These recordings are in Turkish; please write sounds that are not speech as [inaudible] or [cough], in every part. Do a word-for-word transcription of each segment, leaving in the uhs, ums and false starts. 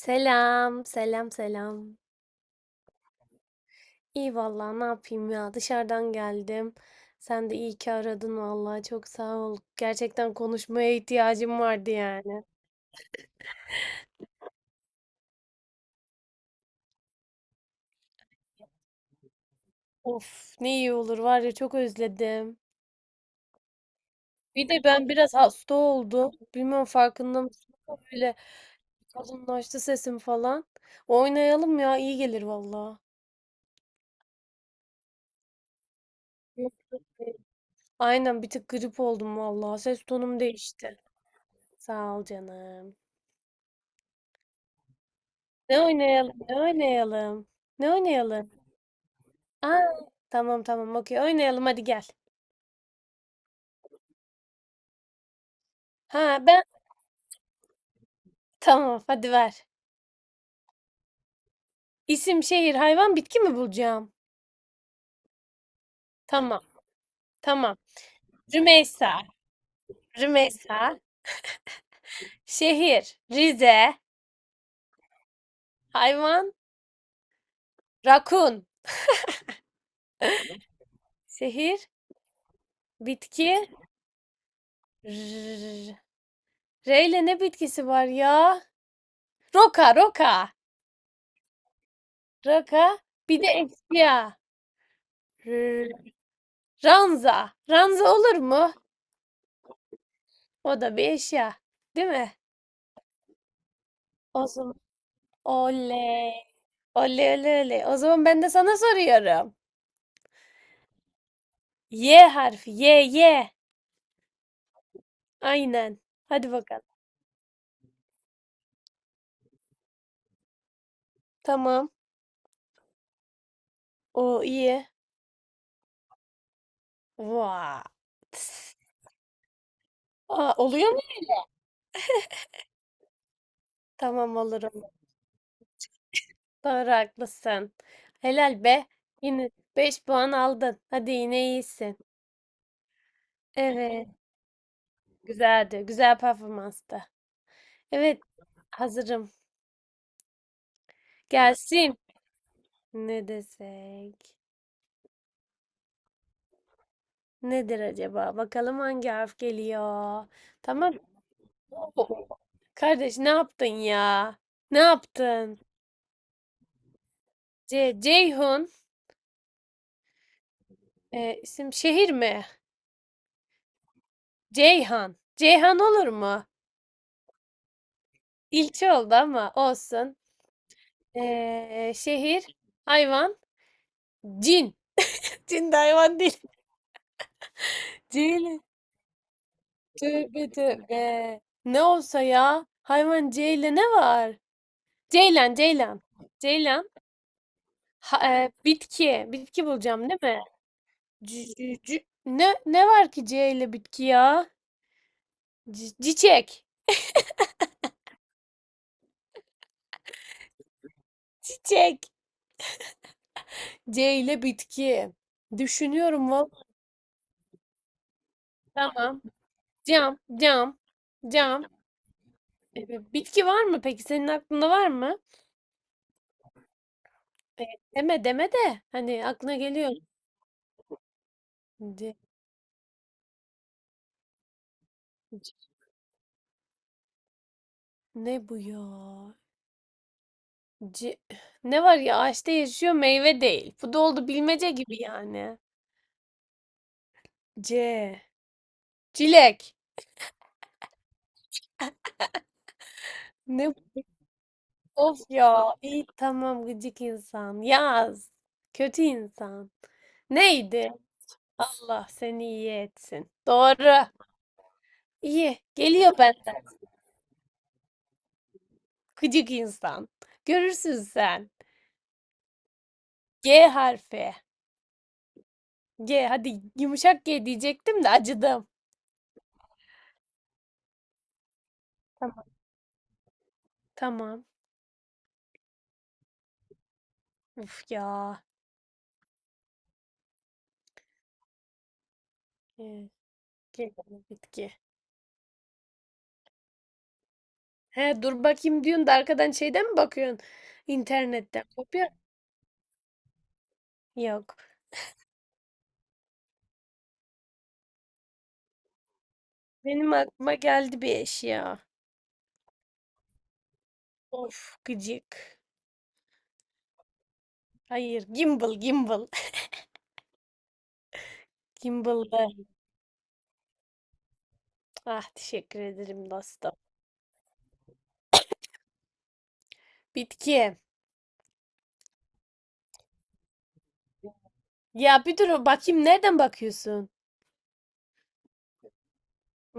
Selam, selam, selam. İyi vallahi ne yapayım ya dışarıdan geldim. Sen de iyi ki aradın vallahi çok sağ ol. Gerçekten konuşmaya ihtiyacım vardı yani. Of ne iyi olur var ya çok özledim. Bir de ben biraz hasta oldum. Bilmem farkında mısın? Böyle kalınlaştı sesim falan. Oynayalım ya iyi gelir vallahi. Yok, be. Aynen bir tık grip oldum vallahi. Ses tonum değişti. Sağ ol canım. Ne oynayalım? Ne oynayalım? Ne oynayalım? Aa, tamam tamam okey oynayalım hadi gel. Ha ben tamam hadi ver. İsim, şehir, hayvan, bitki mi bulacağım? Tamam tamam. Rümeysa. Rümeysa. Şehir. Rize. Hayvan. Rakun. Şehir. Bitki. R- R ile ne bitkisi var ya? Roka roka. Roka. Bir de eşya. R- Ranza. Ranza olur mu? O da bir eşya. Değil mi? O zaman oley. Oley oley oley. O zaman ben de sana soruyorum. Y harfi. Y Y. Aynen. Hadi bakalım. Tamam. O iyi. Vaa. Tıs. Aa, oluyor mu? Tamam olurum. Doğru haklısın. Helal be. Yine beş puan aldın. Hadi yine iyisin. Evet. Güzeldi. Güzel performanstı. Evet. Hazırım. Gelsin. Ne desek? Nedir acaba? Bakalım hangi harf geliyor. Tamam. [laughs] Oo, kardeş ne yaptın ya? Ne yaptın? C Ceyhun e, isim şehir mi? Ceyhan. Ceyhan olur mu? İlçe oldu ama olsun. E, şehir, hayvan, cin. Cin de hayvan değil. [laughs] C ile. Tövbe tövbe. Ne olsa ya? Hayvan C ile ne var? Ceylan, Ceylan. Ceylan. Ha- e, bitki. Bitki bulacağım değil mi? C- c- c- ne ne var ki C ile bitki ya? C- Çiçek. Çiçek. C ile bitki. Düşünüyorum valla. Tamam. Cam, cam, cam. Ee, Bitki var mı peki? Senin aklında var mı? Ee, Deme deme de. Hani aklına geliyor. C- c- ne bu ya? C- ne var ya? Ağaçta yaşıyor meyve değil. Bu da oldu bilmece gibi yani. C. Cilek. Ne of ya. İyi tamam gıcık insan. Yaz. Kötü insan. Neydi? Allah seni iyi etsin. Doğru. İyi. Geliyor benden. Gıcık insan. Görürsün sen. G harfi. G. Hadi yumuşak G diyecektim de acıdım. Tamam. Tamam. Uf ya. Ee, G. Bitki. He dur bakayım diyorsun da arkadan şeyden mi bakıyorsun? İnternetten. Kopya. Yok. Benim aklıma geldi bir eşya. Of gıcık. Hayır, gimbal, gimbal. [laughs] Gimbal'da. Ah, teşekkür ederim dostum. Bitki. Ya bir dur bakayım nereden bakıyorsun?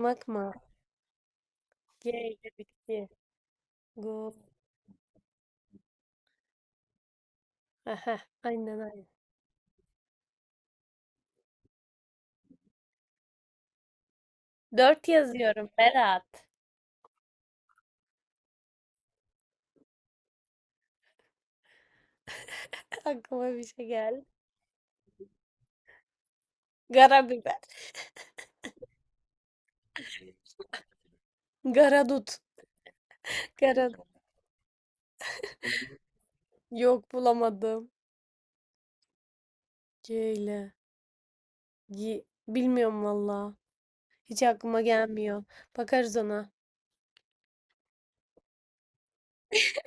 Bakma. G ile bitki. Go. Aha, aynen aynen. Dört yazıyorum Berat. [laughs] Aklıma bir şey geldi. Karabiber. Garadut. Garadut. Yok bulamadım. G ile. Gi. Bilmiyorum valla. Hiç aklıma gelmiyor. Bakarız ona.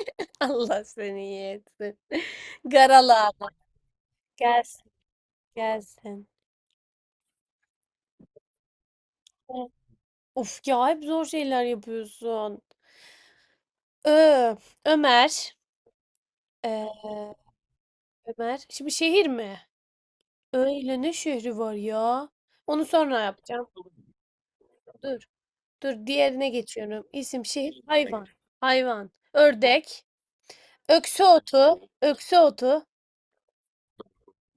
[laughs] Allah seni iyi etsin. [laughs] Garalı ama. Gelsin, gelsin. Of ya hep zor şeyler yapıyorsun. Ö, Ömer. Ee, Ömer. Şimdi şehir mi? Ö ile ne şehri var ya? Onu sonra yapacağım. Dur. Dur diğerine geçiyorum. İsim şehir hayvan. Hayvan. Ördek. Öksü otu. Öksü otu.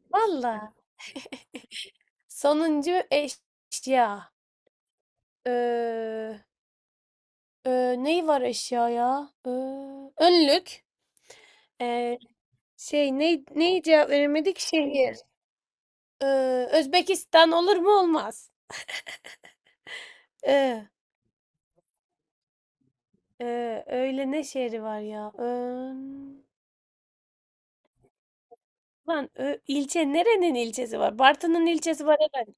Valla. Sonuncu eşya. Ö, ö, neyi var eşya ya? Ö, önlük. Ee, şey ne, neyi cevap veremedik? Şehir. Eee, Özbekistan olur mu? Olmaz. Eee, eee, öyle ne şehri var ya? Ön... Lan ö, ilçe nerenin ilçesi var? Bartın'ın ilçesi var herhalde.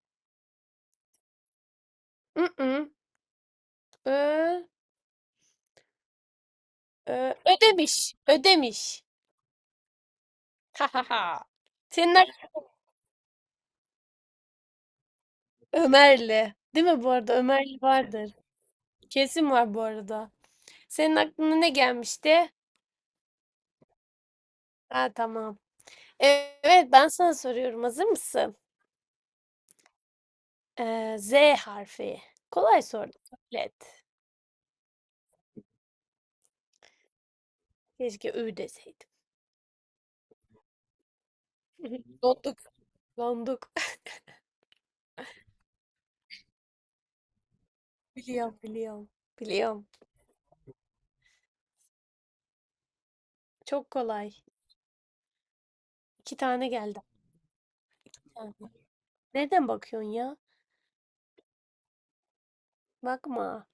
Mm-mm. Ö, ö, Ödemiş. Ödemiş. Ha ha ha. Senin ak- Ömerli. Değil mi bu arada? Ömerli vardır. Kesin var bu arada. Senin aklına ne gelmişti? Ha tamam. Evet ben sana soruyorum. Hazır mısın? Eee, Z harfi. Kolay sordum. Kabul et. Keşke ü deseydim. [laughs] Donduk. Donduk. [laughs] Biliyorum, biliyorum. Biliyorum. Çok kolay. İki tane geldi. Yani. Nereden bakıyorsun ya? Bakma.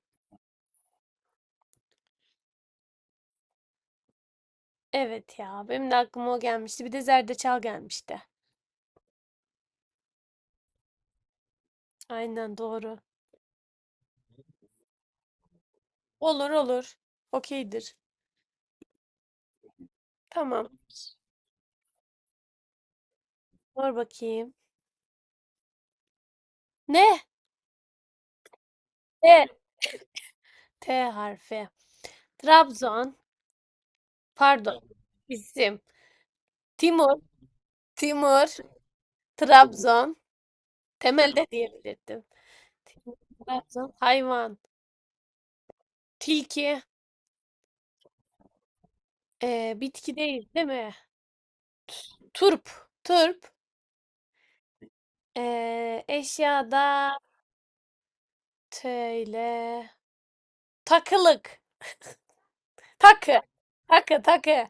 Evet ya, benim de aklıma o gelmişti. Bir de zerdeçal gelmişti. Aynen doğru. Olur olur. Okeydir. Tamam. Sor bakayım. Ne? T. T harfi. Trabzon. Pardon. İsim. Timur. Timur. Trabzon. Temelde diyebilirdim. Timur, Trabzon. Hayvan. Tilki. Eee, bitki değil, değil mi? Turp. Turp. Eee, eşyada T ile takılık. Takı. Takı, takı.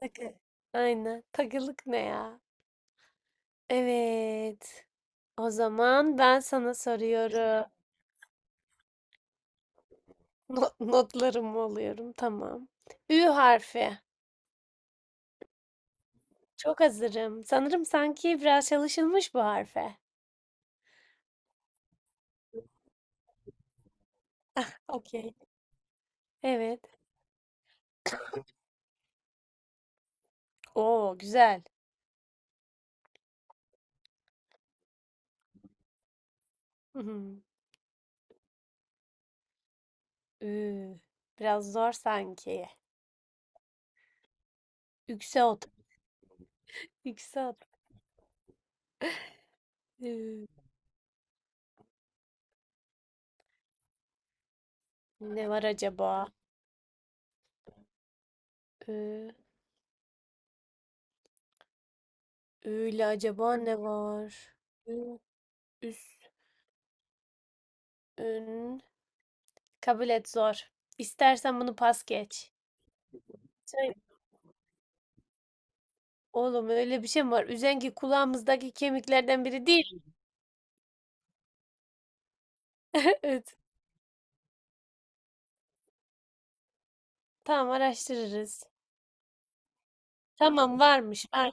Takı. Aynen. Takılık ne ya? Evet. O zaman ben sana soruyorum. Not, notlarımı alıyorum. Tamam. Ü harfi. Çok hazırım. Sanırım sanki biraz çalışılmış bu harfe. Okey. Evet. Oo, güzel. Hı hı. Ü. Biraz zor sanki. Yükselt. Yükselt. Ee, ne var acaba? Ee, öyle acaba ne var? Ü- Üst. Ün. Kabul et zor. İstersen bunu pas geç. Sen- oğlum öyle bir şey mi var? Üzengi kulağımızdaki kemiklerden biri değil mi? [laughs] Evet. Tamam araştırırız. Tamam varmış. Var,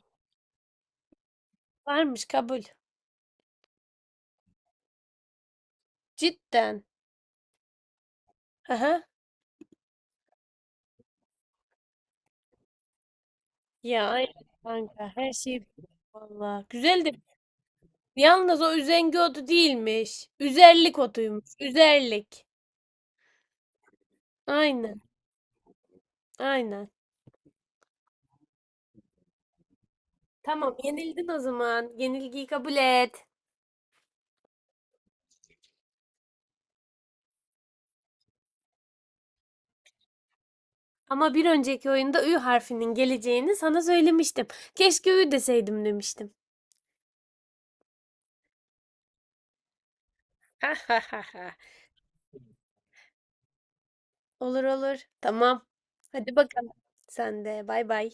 varmış kabul. Cidden. Aha. Ya aynen kanka her şey vallahi güzel de yalnız o üzengi otu değilmiş. Üzerlik otuymuş. Üzerlik. Aynen. Aynen. Tamam, yenildin o zaman. Yenilgiyi kabul et. Ama bir önceki oyunda Ü harfinin geleceğini sana söylemiştim. Keşke Ü deseydim demiştim. [laughs] Olur olur. Tamam. Hadi bakalım. Sen de bay bay.